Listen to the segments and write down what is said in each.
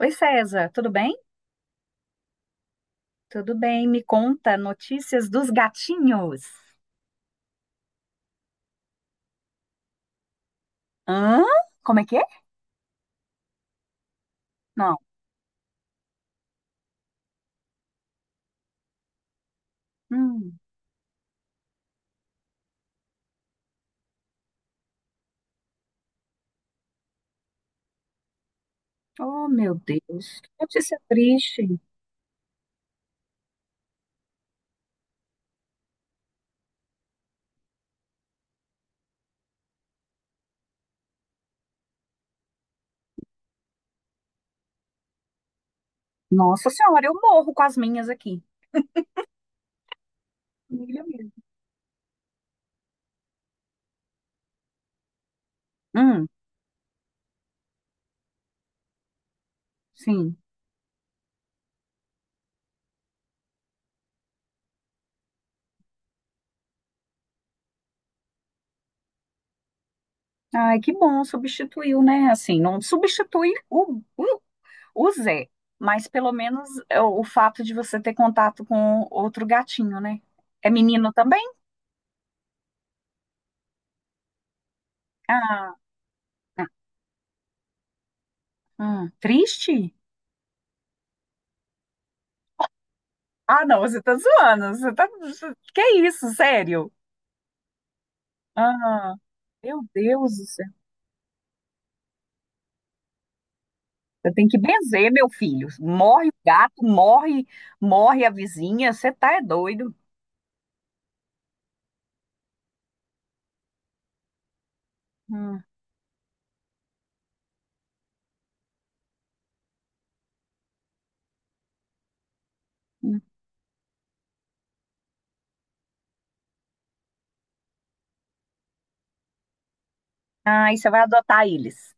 Oi, César, tudo bem? Tudo bem, me conta notícias dos gatinhos. Hã? Como é que é? Não. Hum. Oh, meu Deus, que notícia triste. Nossa Senhora, eu morro com as minhas aqui. Milha mesmo. Hum, sim. Ai, que bom, substituiu, né? Assim, não substitui o Zé, mas pelo menos é, o fato de você ter contato com outro gatinho, né? É menino também? Ah, ah, triste? Ah, não, você tá zoando. Você tá... você- Que é isso, sério? Ah, meu Deus do céu. Você tem que benzer, meu filho. Morre o gato, morre, morre a vizinha. Você tá é doido. Hum. Hum. Ah, e você vai adotar eles.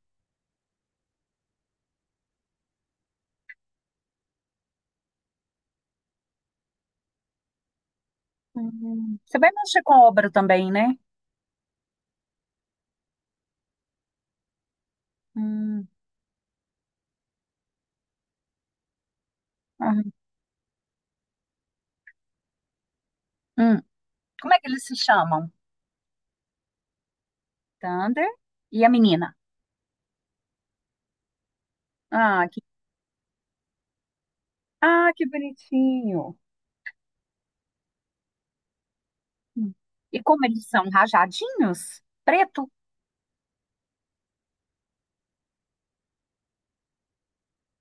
Hum. Você vai mexer com obra também, né? Hum. Ah, hum. Como é que eles se chamam? Thunder e a menina. Ah, que, ah, que bonitinho. Hum. E como eles são rajadinhos? Preto.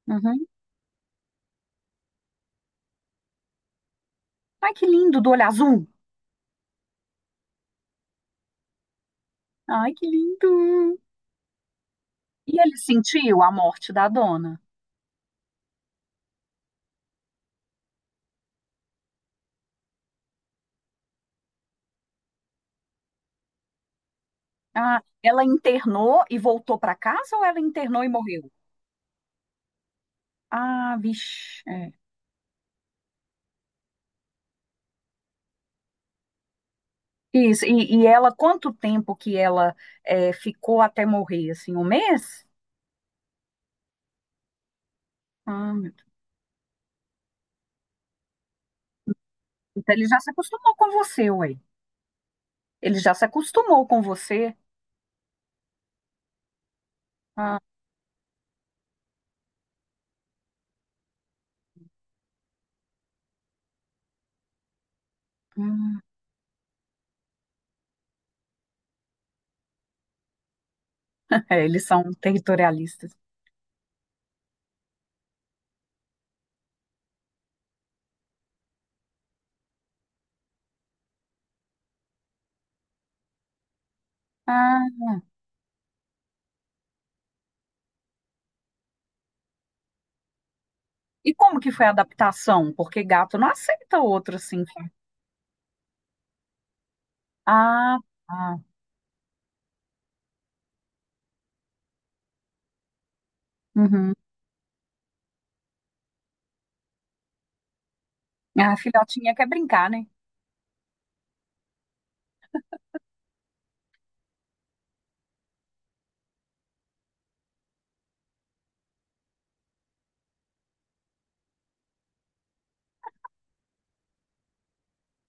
Uhum. Ai, que lindo, do olho azul. Ai, que lindo! E ele sentiu a morte da dona? Ah, ela internou e voltou para casa ou ela internou e morreu? Ah, vixe. É. Isso. E ela, quanto tempo que ela é, ficou até morrer? Assim, um mês? Ah, meu Deus. Então ele já se acostumou com você, ué. Ele já se acostumou com você. Ah, hum. É, eles são territorialistas. Ah, e como que foi a adaptação? Porque gato não aceita outro assim. Ah, tá. Uhum. A filhotinha quer brincar, né?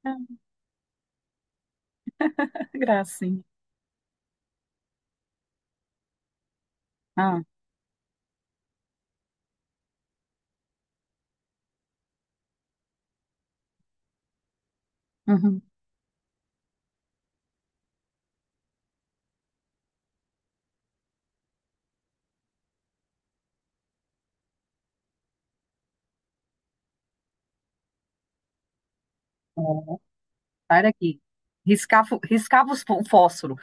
Ah, gracinha. Ah, uhum. Ó, para aqui. Riscava, riscava os fó- o fósforo.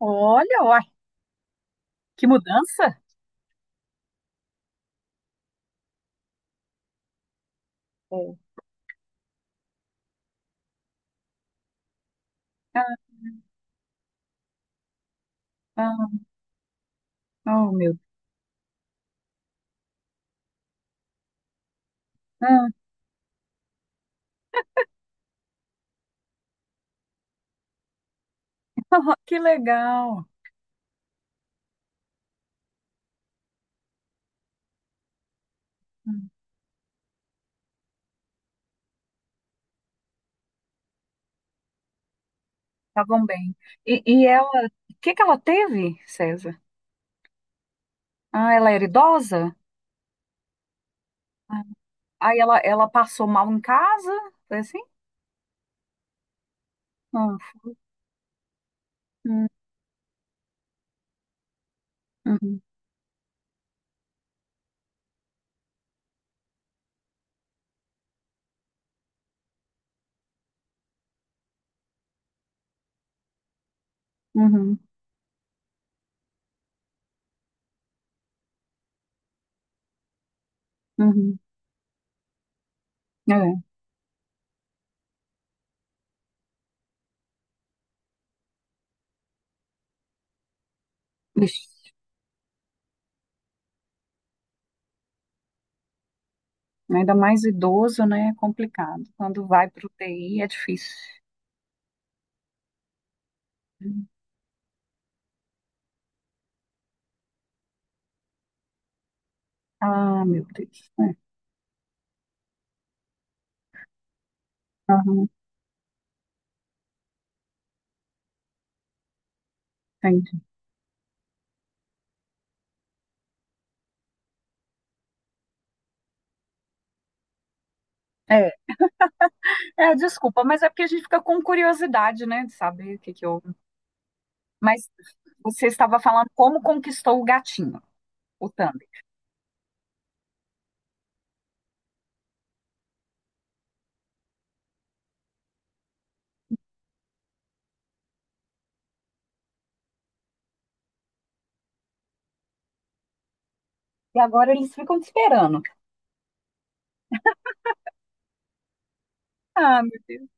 Olha, uai, que mudança. É. Ah, ah, oh, meu Deus. Ah, que legal. Hum, Estavam bem. E ela, o que que ela teve, César? Ah, ela era idosa? Ah, aí ela passou mal em casa? Foi assim? Ah, hum, uhum, uhum, uhum. É. Ixi. Ainda mais idoso, né? É complicado. Quando vai para o UTI é difícil. Ah, meu Deus. É. Aham, entendi. É. É, desculpa, mas é porque a gente fica com curiosidade, né, de saber o que que houve. Mas você estava falando como conquistou o gatinho, o Thunder. E agora eles ficam te esperando. Ah, meu Deus.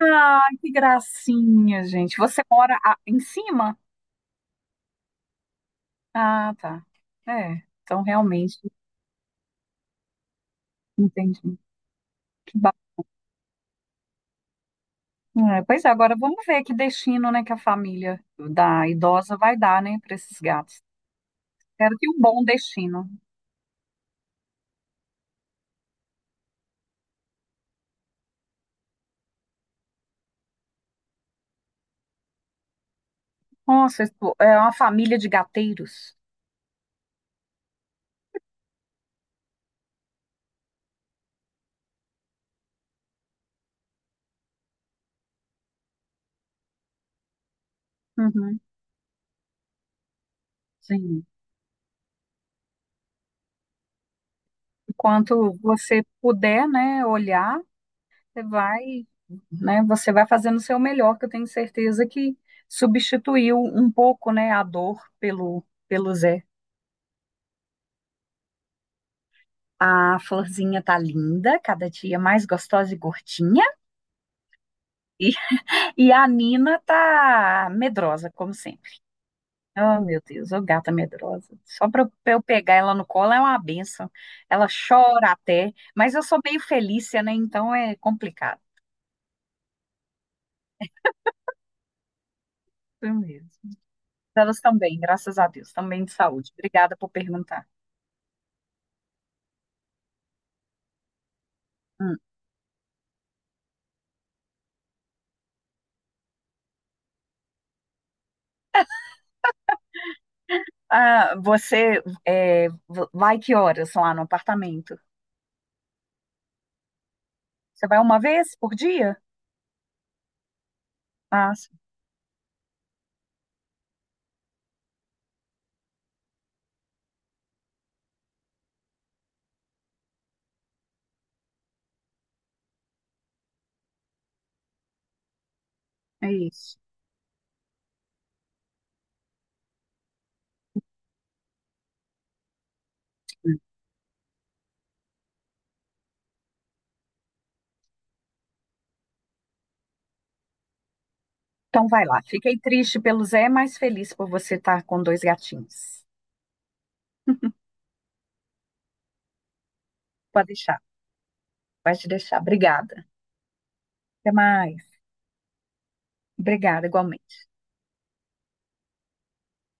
Ai, que gracinha, gente. Você mora a- em cima? Ah, tá. É, então realmente, entendi. Que é, pois é, agora vamos ver que destino, né, que a família da idosa vai dar, né, para esses gatos. Espero que um bom destino. Nossa, isso é uma família de gateiros. Uhum, sim. Enquanto você puder, né, olhar, você vai, né, você vai fazendo o seu melhor, que eu tenho certeza que substituiu um pouco, né, a dor pelo, pelo Zé. A florzinha tá linda, cada dia mais gostosa e gordinha. E, e a Nina tá medrosa, como sempre. Oh, meu Deus, ô gata medrosa. Só para eu pegar ela no colo é uma benção. Ela chora até, mas eu sou meio Felícia, né? Então é complicado. Eu mesmo. Elas também, graças a Deus, também de saúde. Obrigada por perguntar. Hum. Ah, você é, v- vai que horas lá no apartamento? Você vai uma vez por dia? Ah, sim, é isso. Hum. Então vai lá. Fiquei triste pelo Zé, mas feliz por você estar com dois gatinhos. Pode deixar, pode deixar. Obrigada. Até mais. Obrigada, igualmente.